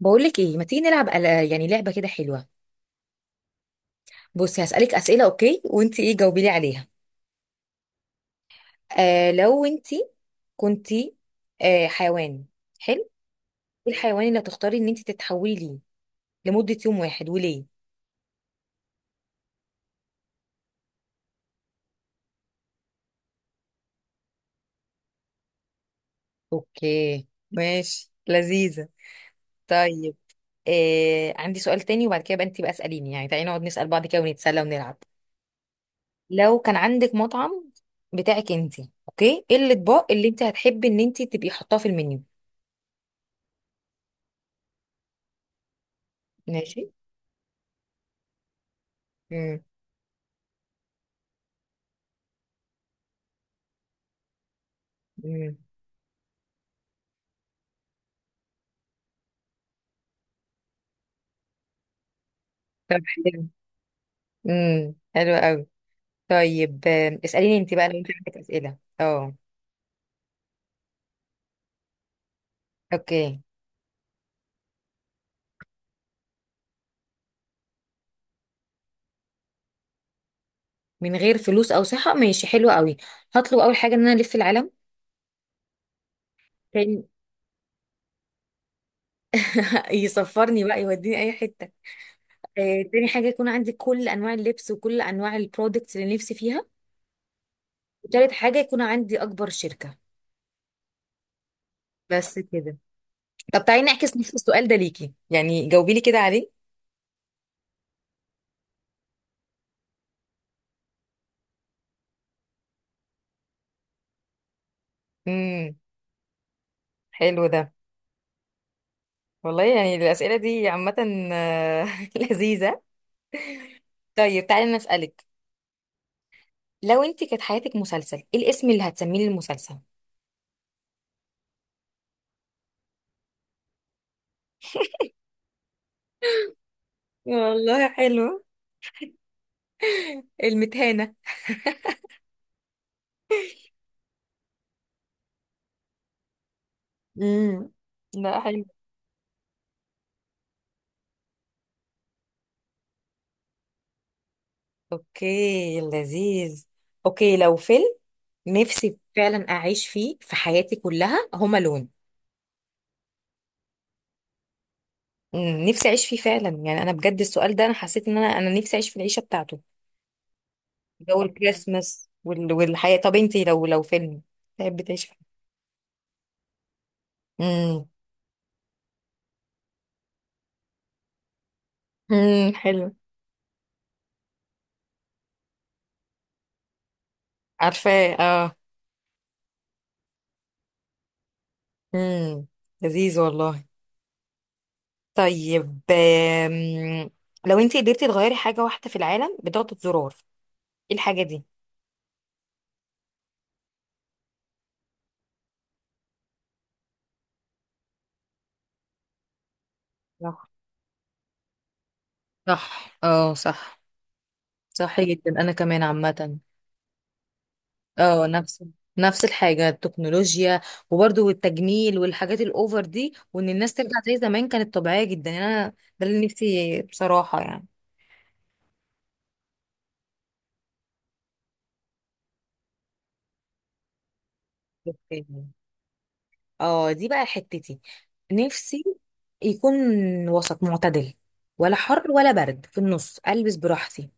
بقولك ايه؟ ما تيجي نلعب لعبة كده حلوة. بصي، هسألك أسئلة اوكي، وانت ايه جاوبي لي عليها. لو انت كنتي حيوان حلو، ايه الحيوان اللي هتختاري ان انت تتحولي ليه لمدة يوم واحد، وليه؟ اوكي، ماشي، لذيذة. طيب، آه عندي سؤال تاني، وبعد كده بقى انت بقى اسأليني، يعني تعالي نقعد نسأل بعض كده ونتسلى ونلعب. لو كان عندك مطعم بتاعك انت، اوكي، ايه الاطباق اللي انت هتحبي ان انت تبقي حطاه في المنيو؟ ماشي. امم. طب حلو. امم، حلو قوي. طيب، اسأليني انت بقى، لو انت عندك أسئلة. اه، اوكي، من غير فلوس او صحة، ماشي، حلو قوي. هطلب اول حاجة ان انا الف العالم. تاني، يسفرني بقى، يوديني اي حتة. تاني حاجة، يكون عندي كل انواع اللبس وكل انواع البرودكتس اللي نفسي فيها. وتالت حاجة، يكون عندي اكبر شركة. بس كده. طب تعالي نعكس نفس السؤال ده ليكي، يعني جاوبي لي كده عليه. امم، حلو ده. والله يعني الأسئلة دي عامة. آه، لذيذة. طيب تعالي انا اسألك. لو انت كانت حياتك مسلسل، ايه الاسم اللي هتسميه للمسلسل؟ والله حلو. المتهانة. امم. لا، حلو. اوكي، لذيذ. اوكي، لو فيلم نفسي فعلا اعيش فيه في حياتي كلها، هما لون. مم، نفسي اعيش فيه فعلا، يعني انا بجد السؤال ده انا حسيت ان انا نفسي اعيش في العيشه بتاعته. جو الكريسماس وال والحياه. طب انت لو فيلم تحبي تعيشي فيه. امم. حلو. عارفه، اه. امم. لذيذ والله. طيب، لو انت قدرتي تغيري حاجة واحدة في العالم بضغطة زرار، ايه الحاجة دي؟ صح. صح، اه، صح. صح جدا، انا كمان عامة. اه، نفس الحاجة، التكنولوجيا. وبرضو التجميل والحاجات الاوفر دي، وان الناس ترجع زي زمان كانت طبيعية جدا. يعني انا ده اللي نفسي بصراحة، يعني اه، دي بقى حتتي. نفسي يكون وسط معتدل، ولا حر ولا برد، في النص البس براحتي.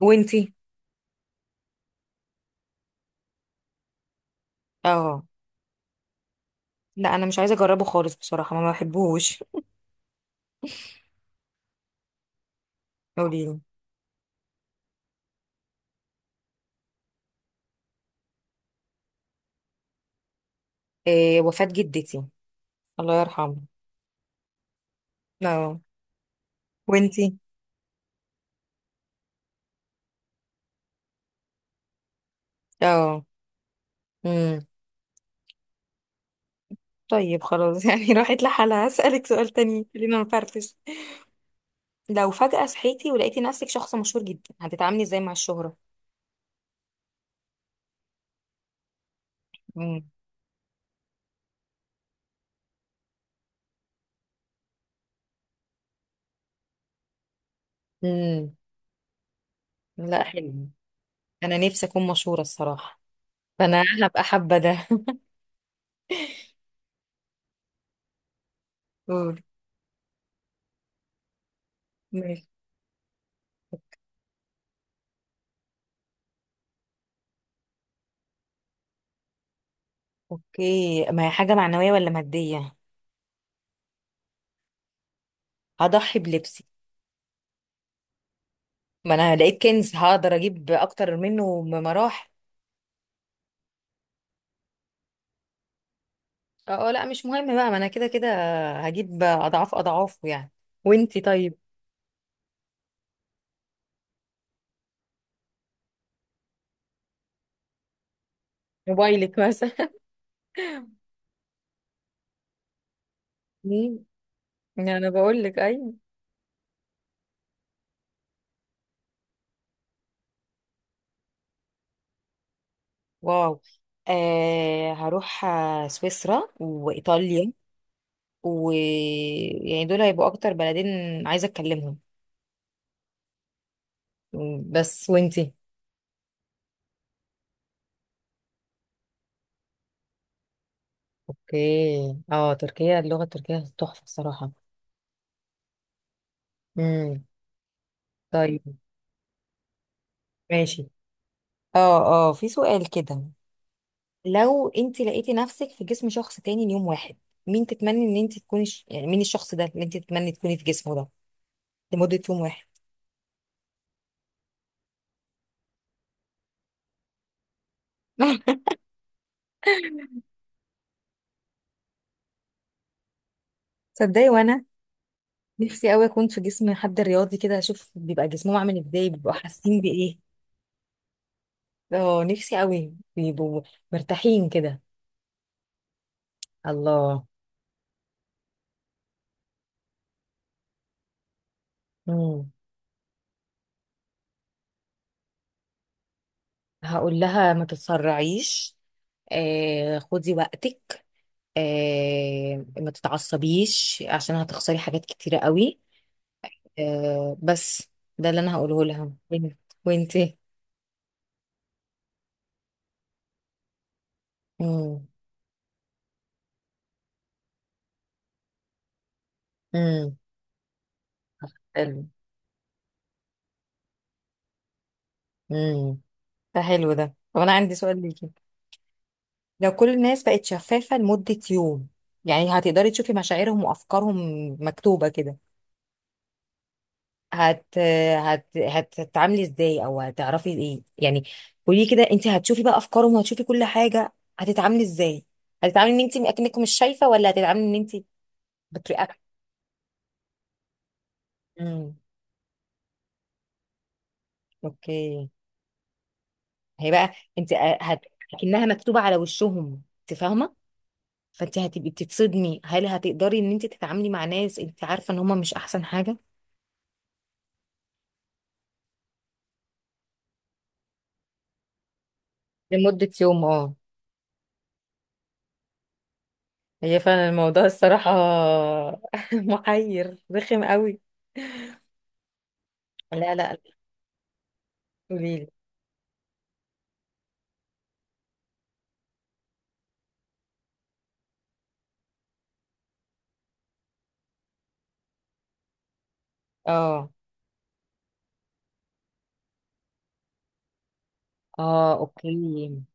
وانتي؟ اه، لا، انا مش عايزه اجربه خالص بصراحه، ما بحبهوش. قولي. إيه؟ وفاة جدتي، الله يرحمها. اه. وانتي؟ اه. امم. طيب خلاص، يعني راحت لحالها. هسألك سؤال تاني، خلينا نفرفش. لو فجأة صحيتي ولقيتي نفسك شخص مشهور جدا، هتتعاملي ازاي مع الشهرة؟ امم. امم. لا، حلو. انا نفسي اكون مشهورة الصراحة، فانا هبقى حابة ده. قول. ماشي. اوكي، ما هي حاجة معنوية ولا مادية؟ هضحي بلبسي. ما انا لقيت كنز هقدر اجيب اكتر منه بمراحل. اه، لا مش مهم بقى، ما انا كده كده هجيب اضعاف اضعافه، يعني. وانتي طيب؟ موبايلك مثلا. مم. انا بقول لك ايوه. واو. هروح سويسرا وايطاليا، و يعني دول هيبقوا اكتر بلدين عايزه اتكلمهم. بس. وانتي؟ اوكي، اه، تركيا، اللغه التركيه تحفه الصراحه. امم. طيب. ماشي اه اه، في سؤال كده. لو انت لقيتي نفسك في جسم شخص تاني ليوم واحد، مين تتمني ان انت تكوني ش... يعني مين الشخص ده اللي انت تتمني تكوني في جسمه ده لمدة يوم واحد؟ تصدقي وانا نفسي قوي اكون في جسم حد رياضي كده، اشوف بيبقى جسمهم عامل ازاي، بيبقوا حاسين بايه. اه نفسي قوي، بيبقوا مرتاحين كده. الله. مم. هقول لها ما تتسرعيش، خدي وقتك، ما تتعصبيش عشان هتخسري حاجات كتيرة قوي. بس ده اللي انا هقوله لها. وانت. وانتي. امم. امم حلو. امم، ده حلو ده. طب انا عندي سؤال ليكي. لو كل الناس بقت شفافة لمدة يوم، يعني هتقدري تشوفي مشاعرهم وافكارهم مكتوبة كده، هت هتتعاملي ازاي، او هتعرفي ايه يعني؟ قولي كده، انت هتشوفي بقى افكارهم وهتشوفي كل حاجة، هتتعاملي ازاي؟ هتتعاملي ان انت اكنك مش شايفة، ولا هتتعاملي ان انت بترياكت؟ امم. اوكي. هي بقى انت هت... اكنها مكتوبه على وشهم، انت فاهمه، فانت هتبقي بتتصدمي. هل هتقدري ان انت تتعاملي مع ناس انت عارفه ان هم مش احسن حاجه؟ لمده يوم اه. هي فعلا الموضوع الصراحه محير رخم قوي. لا لا. قوليلي. اه. اه، اوكي.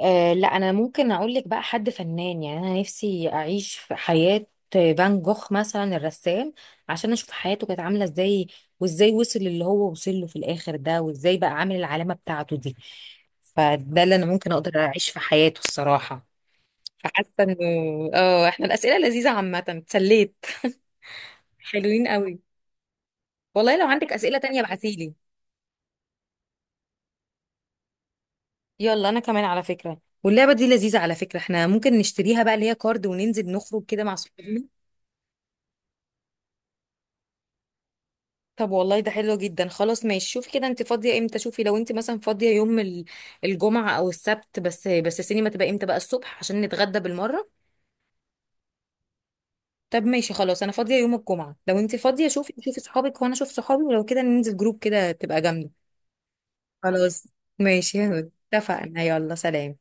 أه، لا، انا ممكن اقول لك بقى حد فنان، يعني انا نفسي اعيش في حياة فان جوخ مثلا، الرسام، عشان اشوف حياته كانت عاملة ازاي، وازاي وصل اللي هو وصل له في الاخر ده، وازاي بقى عامل العلامة بتاعته دي. فده اللي انا ممكن اقدر اعيش في حياته الصراحة. فحاسة انه اه، احنا الاسئلة لذيذة عامة، اتسليت. حلوين قوي والله. لو عندك اسئلة تانية ابعتيلي. يلا انا كمان على فكرة، واللعبة دي لذيذة على فكرة، احنا ممكن نشتريها بقى اللي هي كارد وننزل نخرج كده مع صحابنا. طب والله ده حلو جدا، خلاص ماشي، شوفي كده انت فاضيه امتى، شوفي لو انت مثلا فاضيه يوم الجمعه او السبت، بس السينما تبقى امتى بقى، الصبح، عشان نتغدى بالمره. طب ماشي خلاص، انا فاضيه يوم الجمعه، لو انت فاضيه شوفي، شوفي صحابك وانا اشوف صحابي، ولو كده ننزل جروب كده تبقى جامده. خلاص ماشي. اتفقنا يلا سلام.